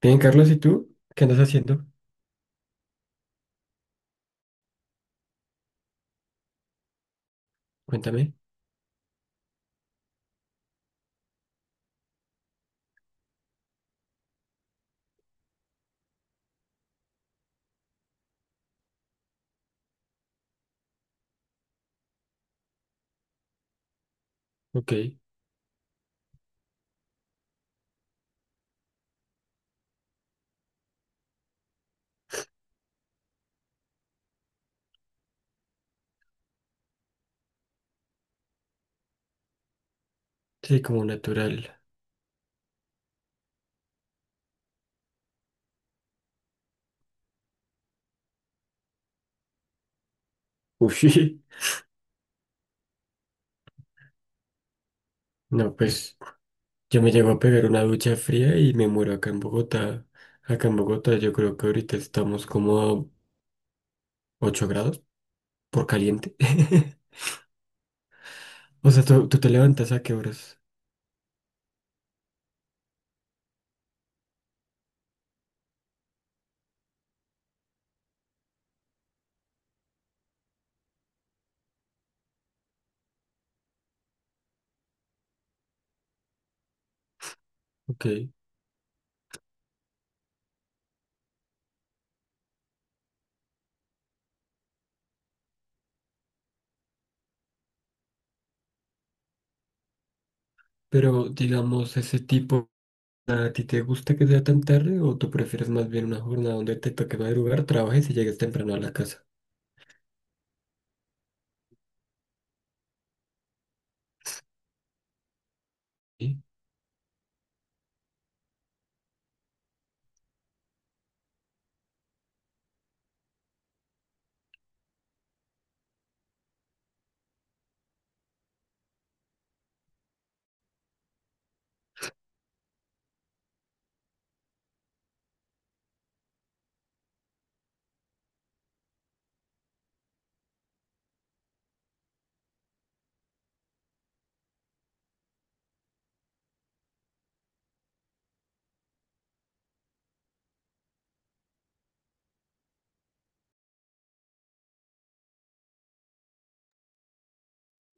Bien, Carlos, ¿y tú? ¿Qué andas haciendo? Cuéntame. Ok, sí, como natural. Uy, no, pues yo me llego a pegar una ducha fría y me muero acá en Bogotá. Acá en Bogotá yo creo que ahorita estamos como a 8 grados por caliente. O sea, ¿tú te levantas a qué horas? Ok, pero digamos, ese tipo, ¿a ti te gusta que sea tan tarde o tú prefieres más bien una jornada donde te toque madrugar, trabajes y llegues temprano a la casa? ¿Sí?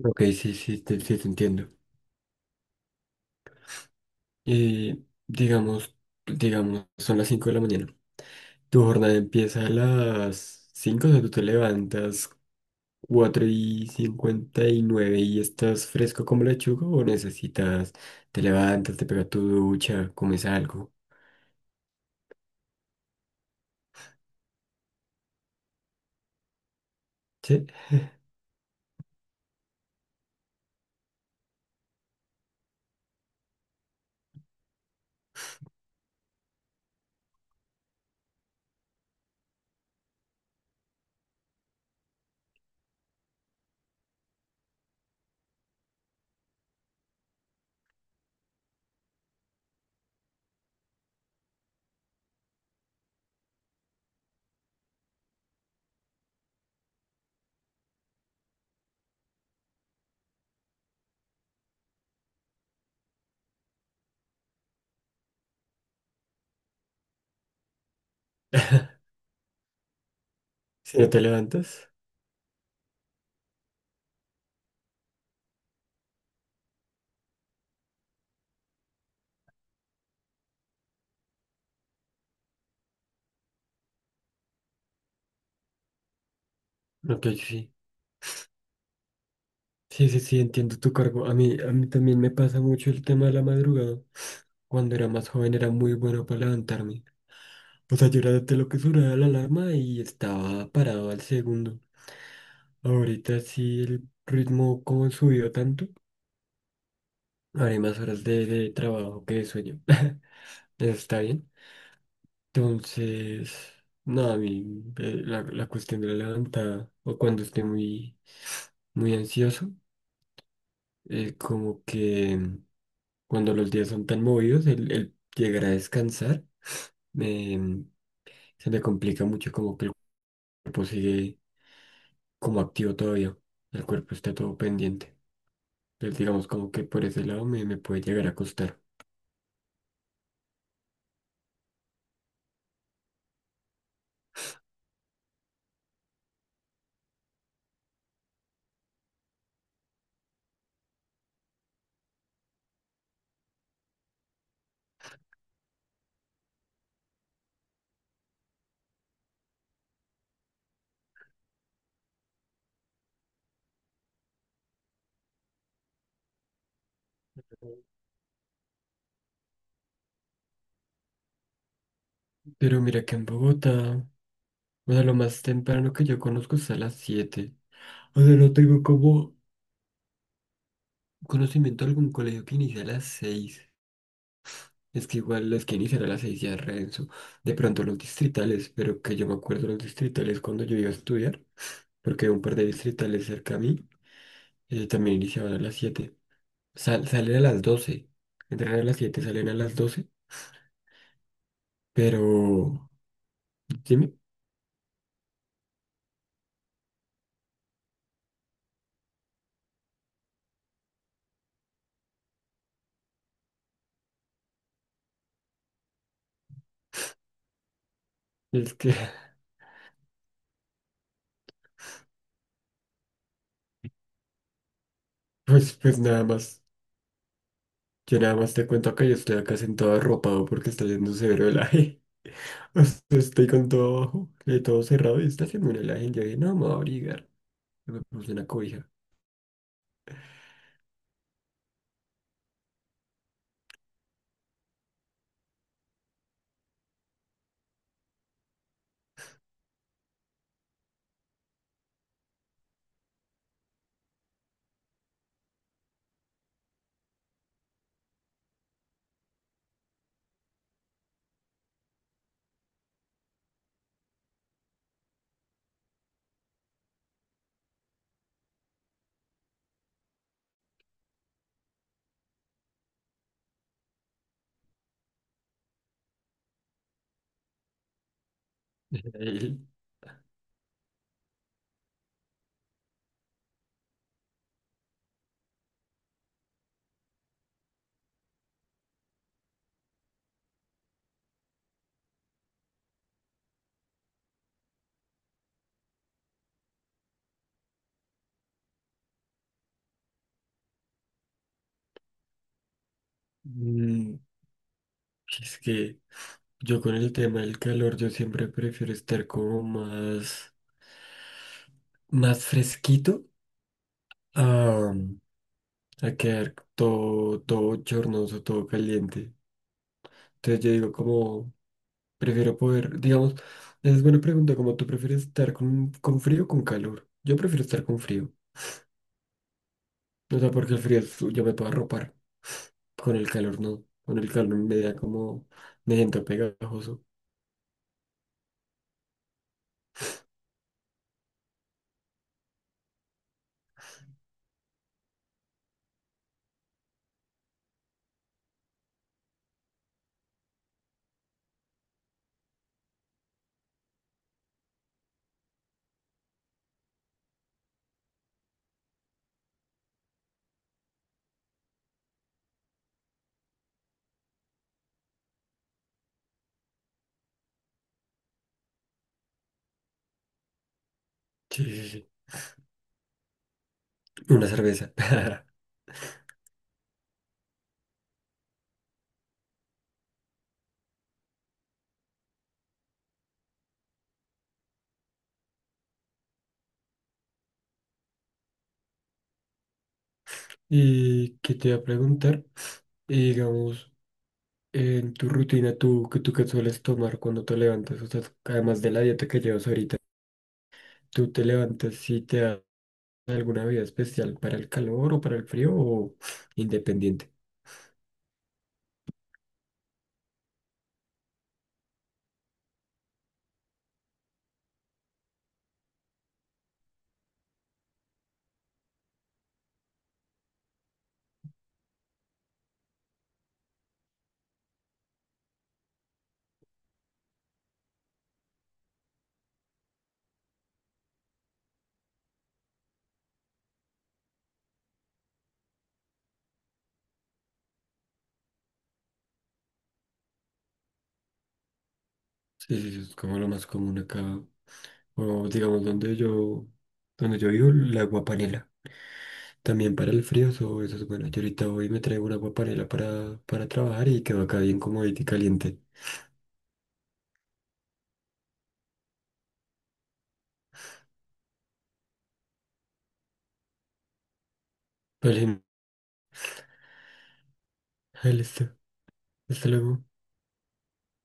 Ok, sí, sí, te entiendo. Y digamos, digamos, son las 5 de la mañana. Tu jornada empieza a las cinco, o sea, tú te levantas 4 y 59 y nueve y estás fresco como lechuga, o necesitas, te levantas, te pegas tu ducha, comes algo. ¿Sí? Si no te levantas, ok, sí. Sí, sí, sí, entiendo tu cargo. A mí también me pasa mucho el tema de la madrugada. Cuando era más joven era muy bueno para levantarme. O sea, yo era de lo que sonaba la alarma y estaba parado al segundo. Ahorita sí el ritmo como subió tanto, haré más horas de trabajo que de sueño. Eso está bien. Entonces, no, a mí la cuestión de la levantada o cuando esté muy, muy ansioso, como que cuando los días son tan movidos, el llegar a descansar, em, se me complica mucho como que el cuerpo sigue como activo todavía. El cuerpo está todo pendiente. Entonces, digamos, como que por ese lado me puede llegar a costar. Pero mira que en Bogotá, o sea, lo más temprano que yo conozco es a las siete. O sea, no tengo como conocimiento de algún colegio que inicie a las seis. Es que igual los que inician a las 6 ya es renzo. De pronto los distritales, pero que yo me acuerdo los distritales cuando yo iba a estudiar, porque un par de distritales cerca a mí también iniciaban a las siete. Salen a las doce. Entran a las siete, salen a las doce. Pero, dime, es que, pues, pues nada más, yo nada más te cuento acá, yo estoy acá sentado arropado porque está haciendo severo helaje. O sea, estoy con todo abajo, todo cerrado y está haciendo un helaje. Y yo dije, no, me voy a abrigar. Y me puse una cobija. Y, mm, es que yo con el tema del calor, yo siempre prefiero estar como más, más fresquito a, a quedar todo, todo chornoso, todo caliente. Entonces yo digo como, prefiero poder, digamos, esa es buena pregunta, como tú prefieres estar con frío o con calor. Yo prefiero estar con frío. O sea, porque el frío es, yo me puedo arropar. Con el calor no. Con el calor me da como, me siento pegajoso. Sí, sí, sí. Una cerveza. Y que te iba a preguntar, y digamos, en tu rutina, tú, que tú qué sueles tomar cuando te levantas, o sea, además de la dieta que llevas ahorita, tú te levantas y te alguna vida especial para el calor o para el frío o independiente? Sí, sí, sí, es como lo más común acá. O digamos, donde yo vivo, el agua panela. También para el frío, eso es bueno. Yo ahorita hoy me traigo un agua panela para trabajar y quedó acá bien comodita y caliente. Vale, ahí listo. Hasta luego.